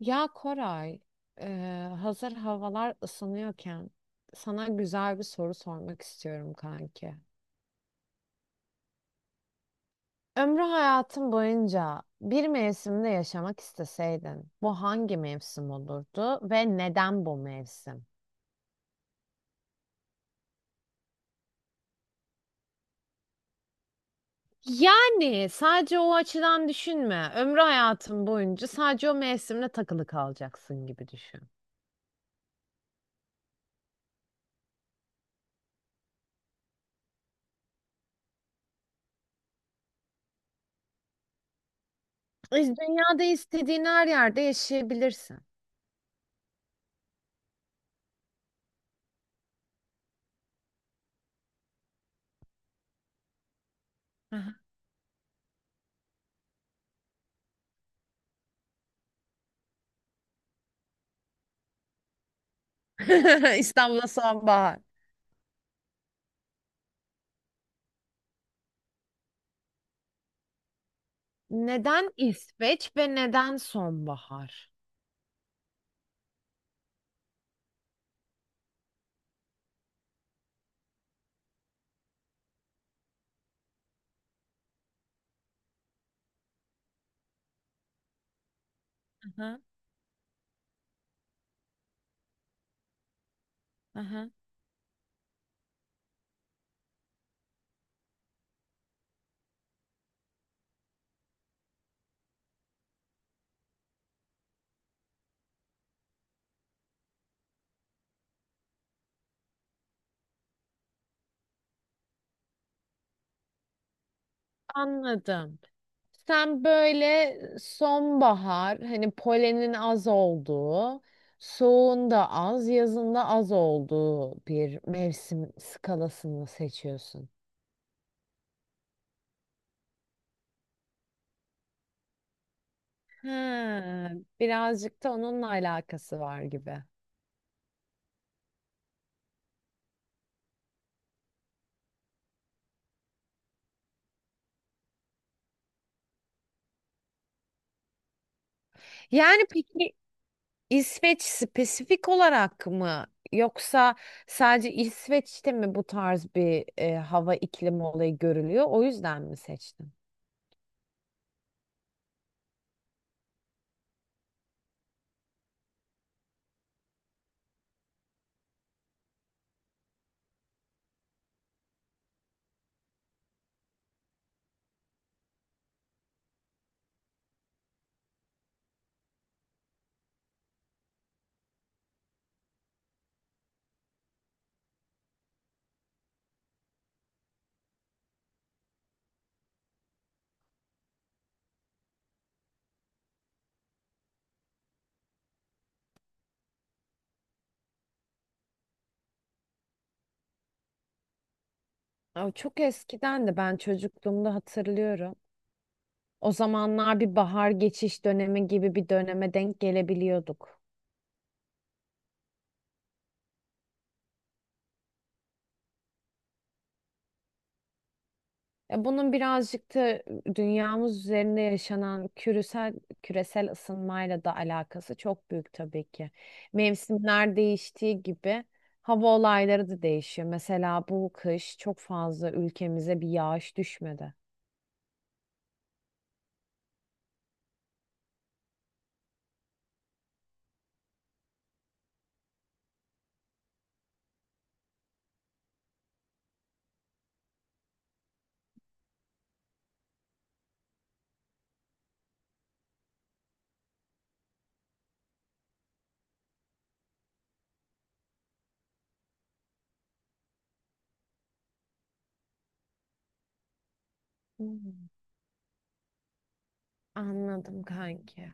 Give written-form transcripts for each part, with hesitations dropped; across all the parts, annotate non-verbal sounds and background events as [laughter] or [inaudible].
Ya Koray, hazır havalar ısınıyorken sana güzel bir soru sormak istiyorum kanki. Ömrü hayatın boyunca bir mevsimde yaşamak isteseydin, bu hangi mevsim olurdu ve neden bu mevsim? Yani sadece o açıdan düşünme. Ömrü hayatın boyunca sadece o mevsimle takılı kalacaksın gibi düşün. Biz dünyada istediğin her yerde yaşayabilirsin. Aha. [laughs] İstanbul'da sonbahar. Neden İsveç ve neden sonbahar? Aha, aha. Anladım. Sen böyle sonbahar, hani polenin az olduğu, soğuğun da az, yazın da az olduğu bir mevsim skalasını seçiyorsun. Ha, birazcık da onunla alakası var gibi. Yani peki İsveç spesifik olarak mı yoksa sadece İsveç'te mi bu tarz bir hava iklimi olayı görülüyor? O yüzden mi seçtin? Aa, çok eskiden de ben çocukluğumda hatırlıyorum. O zamanlar bir bahar geçiş dönemi gibi bir döneme denk gelebiliyorduk. Ya bunun birazcık da dünyamız üzerinde yaşanan küresel ısınmayla da alakası çok büyük tabii ki. Mevsimler değiştiği gibi hava olayları da değişiyor. Mesela bu kış çok fazla ülkemize bir yağış düşmedi. Hmm, anladım kanki.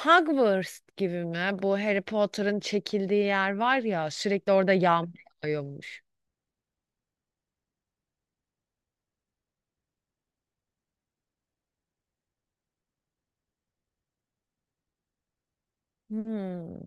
Hogwarts gibi mi? Bu Harry Potter'ın çekildiği yer var ya sürekli orada yağmur yağıyormuş. Hmm,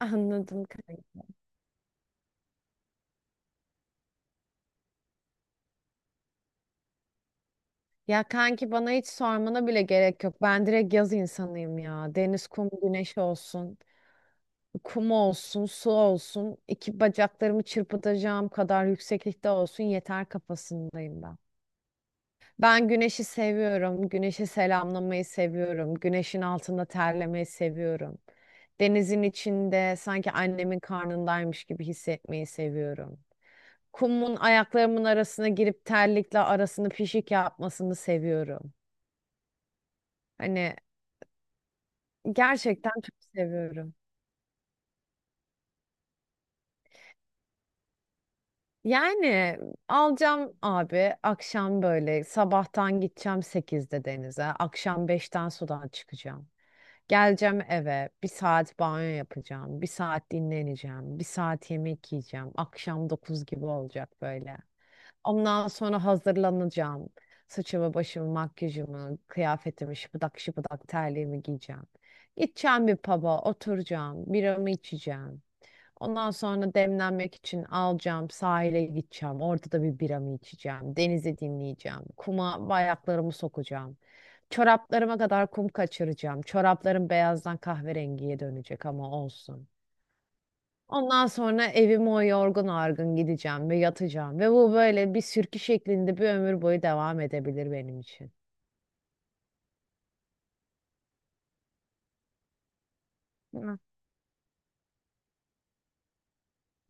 anladım kanki. Ya kanki bana hiç sormana bile gerek yok. Ben direkt yaz insanıyım ya. Deniz, kum, güneş olsun. Kum olsun, su olsun. İki bacaklarımı çırpıtacağım kadar yükseklikte olsun yeter kafasındayım ben. Ben güneşi seviyorum. Güneşi selamlamayı seviyorum. Güneşin altında terlemeyi seviyorum. Denizin içinde sanki annemin karnındaymış gibi hissetmeyi seviyorum. Kumun ayaklarımın arasına girip terlikle arasını pişik yapmasını seviyorum. Hani gerçekten çok seviyorum. Yani alacağım abi akşam böyle sabahtan gideceğim sekizde denize. Akşam beşten sudan çıkacağım. Geleceğim eve bir saat banyo yapacağım. Bir saat dinleneceğim. Bir saat yemek yiyeceğim. Akşam 9 gibi olacak böyle. Ondan sonra hazırlanacağım. Saçımı, başımı, makyajımı, kıyafetimi, şıpıdak şıpıdak terliğimi giyeceğim. Gideceğim bir pub'a, oturacağım, biramı içeceğim. Ondan sonra demlenmek için alacağım, sahile gideceğim. Orada da bir biramı içeceğim. Denizi dinleyeceğim. Kuma ayaklarımı sokacağım. Çoraplarıma kadar kum kaçıracağım. Çoraplarım beyazdan kahverengiye dönecek ama olsun. Ondan sonra evime o yorgun argın gideceğim ve yatacağım. Ve bu böyle bir sürkü şeklinde bir ömür boyu devam edebilir benim için.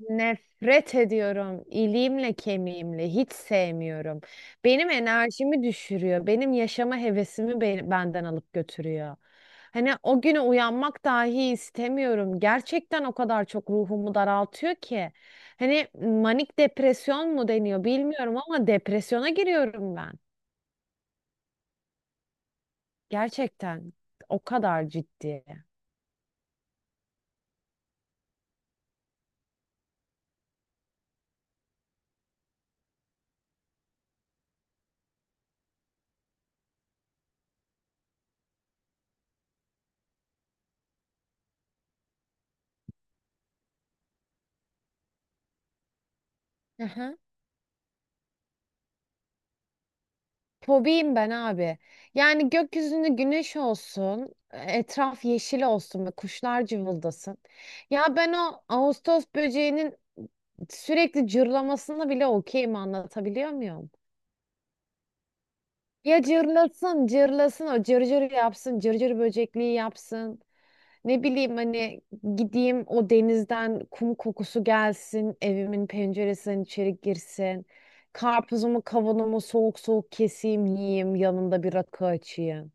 Nefret ediyorum. İliğimle kemiğimle hiç sevmiyorum. Benim enerjimi düşürüyor. Benim yaşama hevesimi benden alıp götürüyor. Hani o güne uyanmak dahi istemiyorum. Gerçekten o kadar çok ruhumu daraltıyor ki. Hani manik depresyon mu deniyor bilmiyorum ama depresyona giriyorum ben. Gerçekten o kadar ciddi. Aha. Fobiyim ben abi. Yani gökyüzünde güneş olsun, etraf yeşil olsun ve kuşlar cıvıldasın. Ya ben o Ağustos böceğinin sürekli cırlamasını bile okeyim anlatabiliyor muyum? Ya cırlasın, cırlasın, o cırcır yapsın, cırcır böcekliği yapsın. Ne bileyim hani gideyim o denizden kum kokusu gelsin, evimin penceresinden içeri girsin. Karpuzumu, kavanomu soğuk soğuk keseyim, yiyeyim, yanında bir rakı açayım.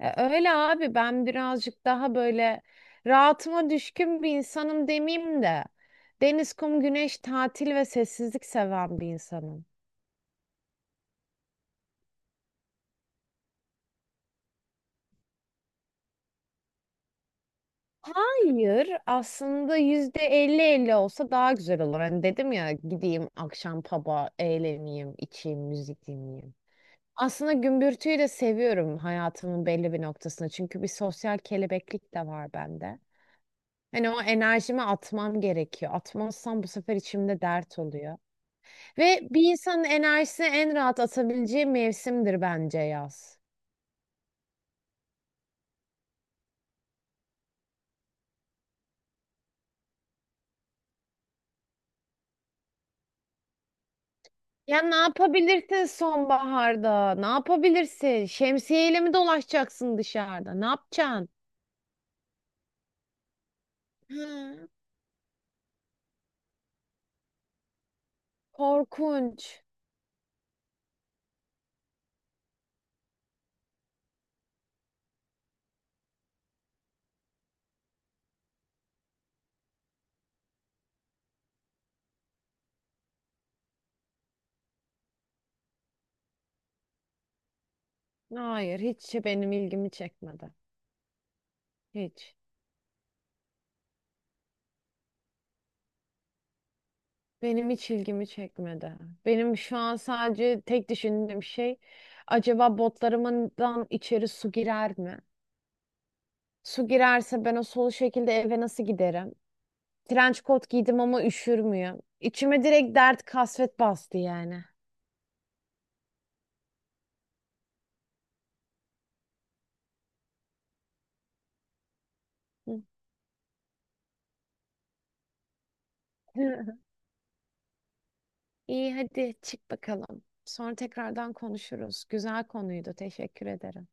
E, öyle abi ben birazcık daha böyle rahatıma düşkün bir insanım demeyeyim de. Deniz, kum, güneş, tatil ve sessizlik seven bir insanım. Hayır, aslında %50 %50 olsa daha güzel olur. Hani dedim ya gideyim akşam pub'a eğleneyim, içeyim, müzik dinleyeyim. Aslında gümbürtüyü de seviyorum hayatımın belli bir noktasında. Çünkü bir sosyal kelebeklik de var bende. Hani o enerjimi atmam gerekiyor. Atmazsam bu sefer içimde dert oluyor. Ve bir insanın enerjisini en rahat atabileceği mevsimdir bence yaz. Ya ne yapabilirsin sonbaharda? Ne yapabilirsin? Şemsiyeyle mi dolaşacaksın dışarıda? Ne yapacaksın? Hı. Korkunç. Hayır, hiç benim ilgimi çekmedi. Hiç. Benim hiç ilgimi çekmedi. Benim şu an sadece tek düşündüğüm şey acaba botlarımdan içeri su girer mi? Su girerse ben o solu şekilde eve nasıl giderim? Trench coat giydim ama üşür müyüm? İçime direkt dert kasvet bastı yani. Hı. İyi hadi çık bakalım. Sonra tekrardan konuşuruz. Güzel konuydu. Teşekkür ederim.